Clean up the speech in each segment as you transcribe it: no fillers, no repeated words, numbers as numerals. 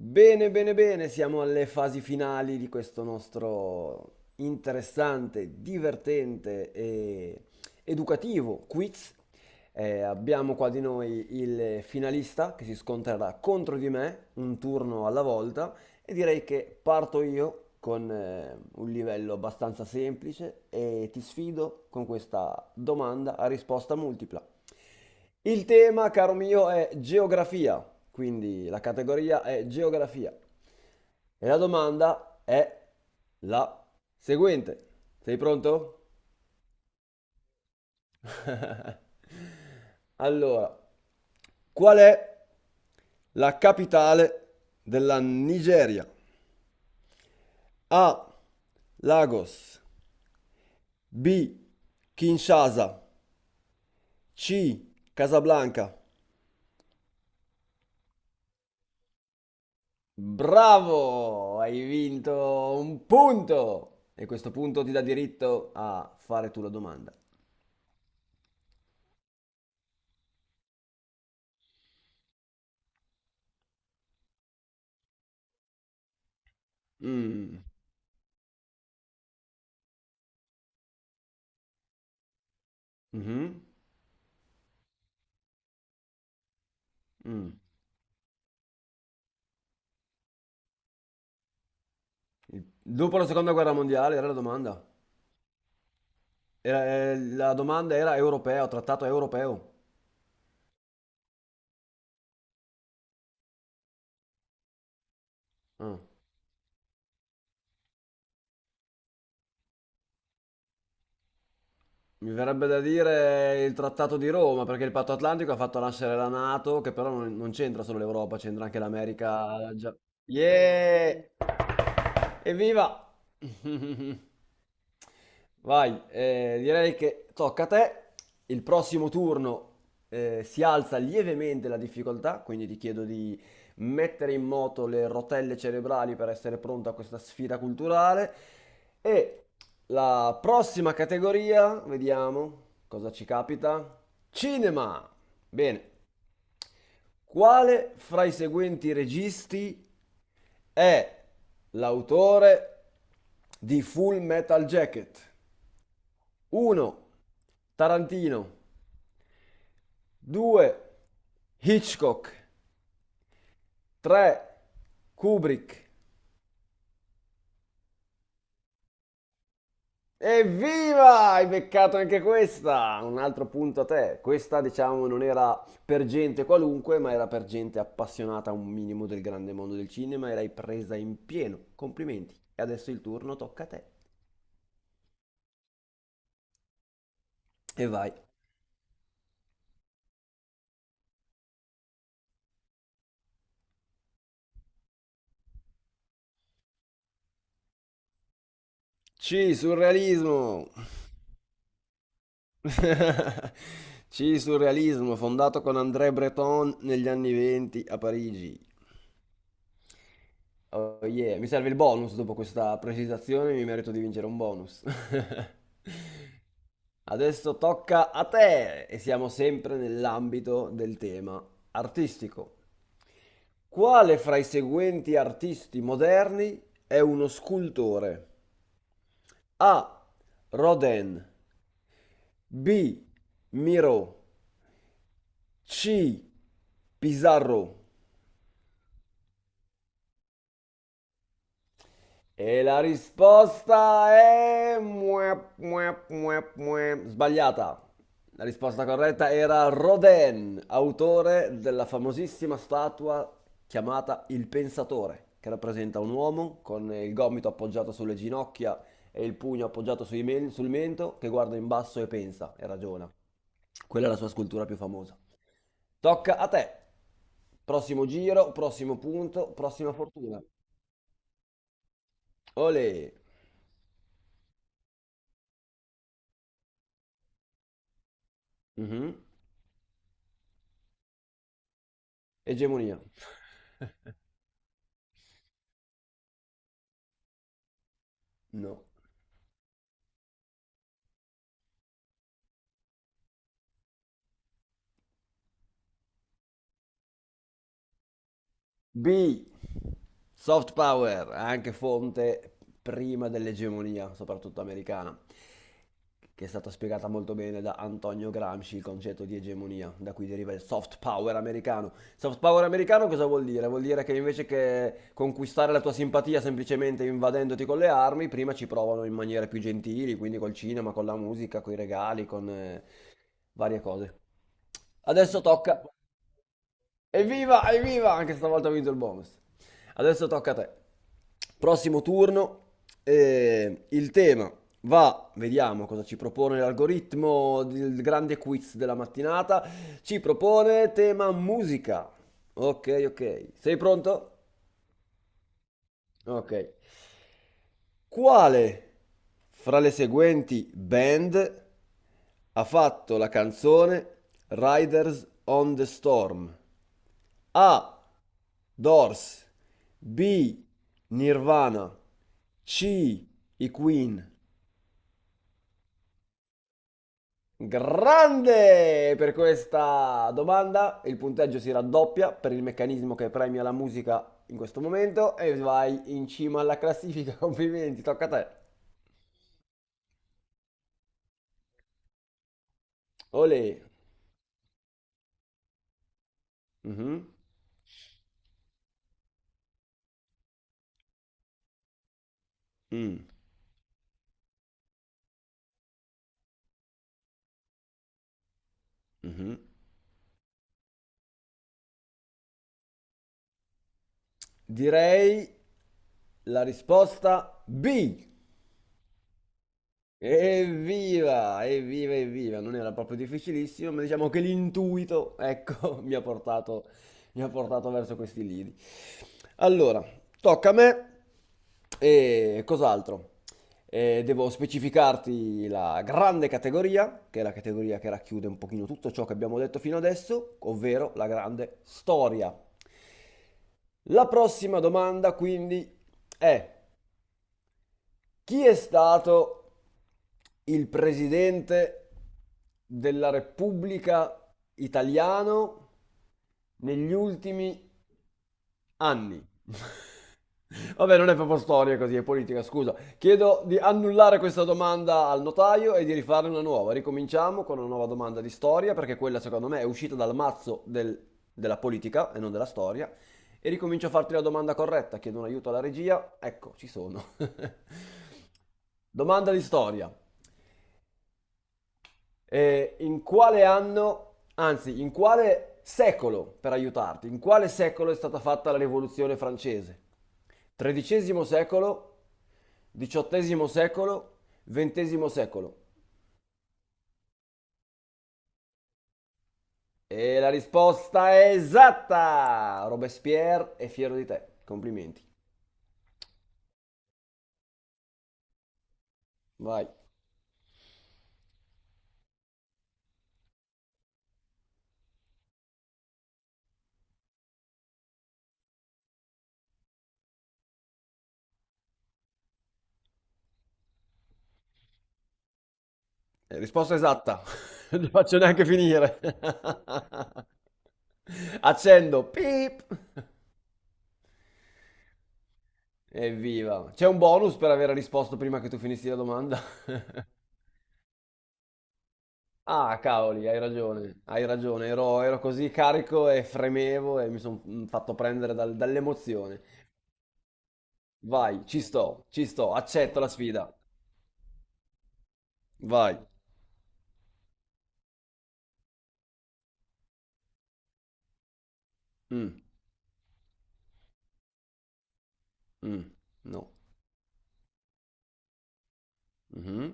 Bene, bene, bene, siamo alle fasi finali di questo nostro interessante, divertente e educativo quiz. Abbiamo qua di noi il finalista che si scontrerà contro di me, un turno alla volta. E direi che parto io con un livello abbastanza semplice e ti sfido con questa domanda a risposta multipla. Il tema, caro mio, è geografia, quindi la categoria è geografia. E la domanda è la seguente. Sei pronto? Allora, qual è la capitale della Nigeria? A. Lagos. B. Kinshasa. C. Casablanca. Bravo! Hai vinto un punto! E questo punto ti dà diritto a fare tu la domanda. Mm. Mhm, mm. Dopo la seconda guerra mondiale era la domanda. Era- la domanda era europeo, trattato europeo. Ah. Mi verrebbe da dire il Trattato di Roma, perché il Patto Atlantico ha fatto nascere la NATO, che però non c'entra solo l'Europa, c'entra anche l'America. Yeah! Evviva! Vai, direi che tocca a te. Il prossimo turno si alza lievemente la difficoltà, quindi ti chiedo di mettere in moto le rotelle cerebrali per essere pronto a questa sfida culturale. E la prossima categoria, vediamo cosa ci capita. Cinema. Bene, quale fra i seguenti registi è l'autore di Full Metal Jacket? 1. Tarantino. 2. Hitchcock. 3. Kubrick. Evviva! Hai beccato anche questa! Un altro punto a te. Questa, diciamo, non era per gente qualunque, ma era per gente appassionata un minimo del grande mondo del cinema e l'hai presa in pieno. Complimenti. E adesso il turno tocca a te. E vai. C, surrealismo. C. Surrealismo, fondato con André Breton negli anni 20 a Parigi. Oh yeah, mi serve il bonus dopo questa precisazione, mi merito di vincere un bonus. Adesso tocca a te e siamo sempre nell'ambito del tema artistico. Quale fra i seguenti artisti moderni è uno scultore? A. Rodin, B. Miro, C. Pizarro. E la risposta è... muep, muep, muep, muep. Sbagliata. La risposta corretta era Rodin, autore della famosissima statua chiamata Il Pensatore, che rappresenta un uomo con il gomito appoggiato sulle ginocchia e il pugno appoggiato sul mento che guarda in basso e pensa e ragiona. Quella è la sua scultura più famosa. Tocca a te. Prossimo giro, prossimo punto, prossima fortuna. Olè. Mhm. Egemonia. No. B. Soft power, anche fonte prima dell'egemonia, soprattutto americana, che è stata spiegata molto bene da Antonio Gramsci, il concetto di egemonia, da cui deriva il soft power americano. Soft power americano cosa vuol dire? Vuol dire che invece che conquistare la tua simpatia semplicemente invadendoti con le armi, prima ci provano in maniere più gentili, quindi col cinema, con la musica, con i regali, con varie cose. Adesso tocca. Evviva, evviva! Anche stavolta ho vinto il bonus. Adesso tocca a te. Prossimo turno. Il tema va, vediamo cosa ci propone l'algoritmo del grande quiz della mattinata. Ci propone tema musica. Ok, ok. Sei pronto? Ok. Quale fra le seguenti band ha fatto la canzone Riders on the Storm? A. Doors. B. Nirvana. C. I Queen. Grande! Per questa domanda il punteggio si raddoppia per il meccanismo che premia la musica in questo momento e vai in cima alla classifica. Complimenti, tocca a te. Olè. Mhm. Mm, mhm. Direi la risposta B. Evviva, evviva, evviva. Non era proprio difficilissimo, ma diciamo che l'intuito, ecco, mi ha portato verso questi lidi. Allora, tocca a me. E cos'altro? Devo specificarti la grande categoria, che è la categoria che racchiude un pochino tutto ciò che abbiamo detto fino adesso, ovvero la grande storia. La prossima domanda quindi è chi è stato il presidente della Repubblica italiano negli ultimi anni? Vabbè, non è proprio storia così, è politica, scusa. Chiedo di annullare questa domanda al notaio e di rifarne una nuova. Ricominciamo con una nuova domanda di storia, perché quella secondo me è uscita dal mazzo della politica e non della storia. E ricomincio a farti la domanda corretta, chiedo un aiuto alla regia. Ecco, ci sono. Domanda di storia. In quale anno, anzi, in quale secolo, per aiutarti, in quale secolo è stata fatta la rivoluzione francese? XIII secolo, XVIII secolo, XX secolo. E la risposta è esatta! Robespierre è fiero di te. Complimenti. Vai. Risposta esatta. Non ti faccio neanche finire. Accendo. Pip. Evviva. C'è un bonus per aver risposto prima che tu finissi la domanda. Ah, cavoli, hai ragione, ero così carico e fremevo e mi sono fatto prendere dall'emozione. Vai, ci sto, accetto la sfida. Vai. Mm, mm, no. Mhm.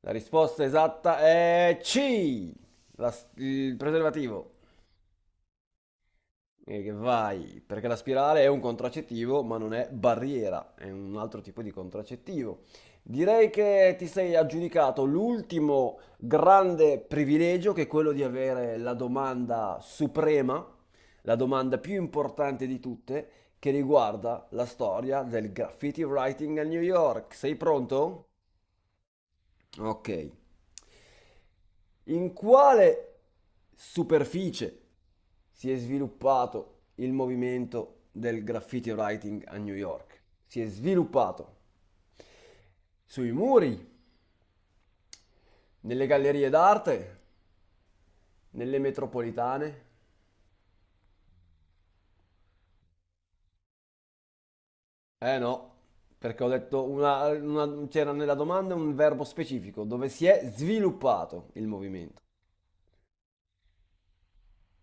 La risposta esatta è C, il preservativo. E che vai, perché la spirale è un contraccettivo, ma non è barriera, è un altro tipo di contraccettivo. Direi che ti sei aggiudicato l'ultimo grande privilegio, che è quello di avere la domanda suprema, la domanda più importante di tutte, che riguarda la storia del graffiti writing a New York. Sei pronto? Ok. In quale superficie si è sviluppato il movimento del graffiti writing a New York? Si è sviluppato sui muri, nelle gallerie d'arte, nelle metropolitane? Eh no, perché ho detto una, c'era nella domanda un verbo specifico dove si è sviluppato il movimento.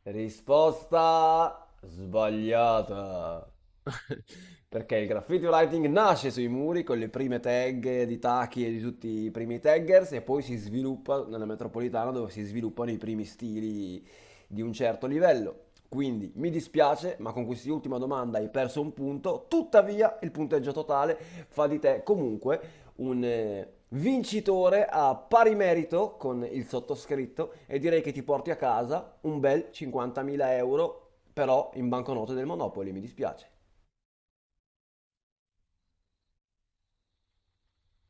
Risposta sbagliata. Perché il graffiti writing nasce sui muri con le prime tag di Taki e di tutti i primi taggers e poi si sviluppa nella metropolitana dove si sviluppano i primi stili di un certo livello. Quindi mi dispiace, ma con quest'ultima domanda hai perso un punto. Tuttavia, il punteggio totale fa di te comunque un vincitore a pari merito con il sottoscritto e direi che ti porti a casa un bel 50.000 euro però in banconote del Monopoli, mi dispiace.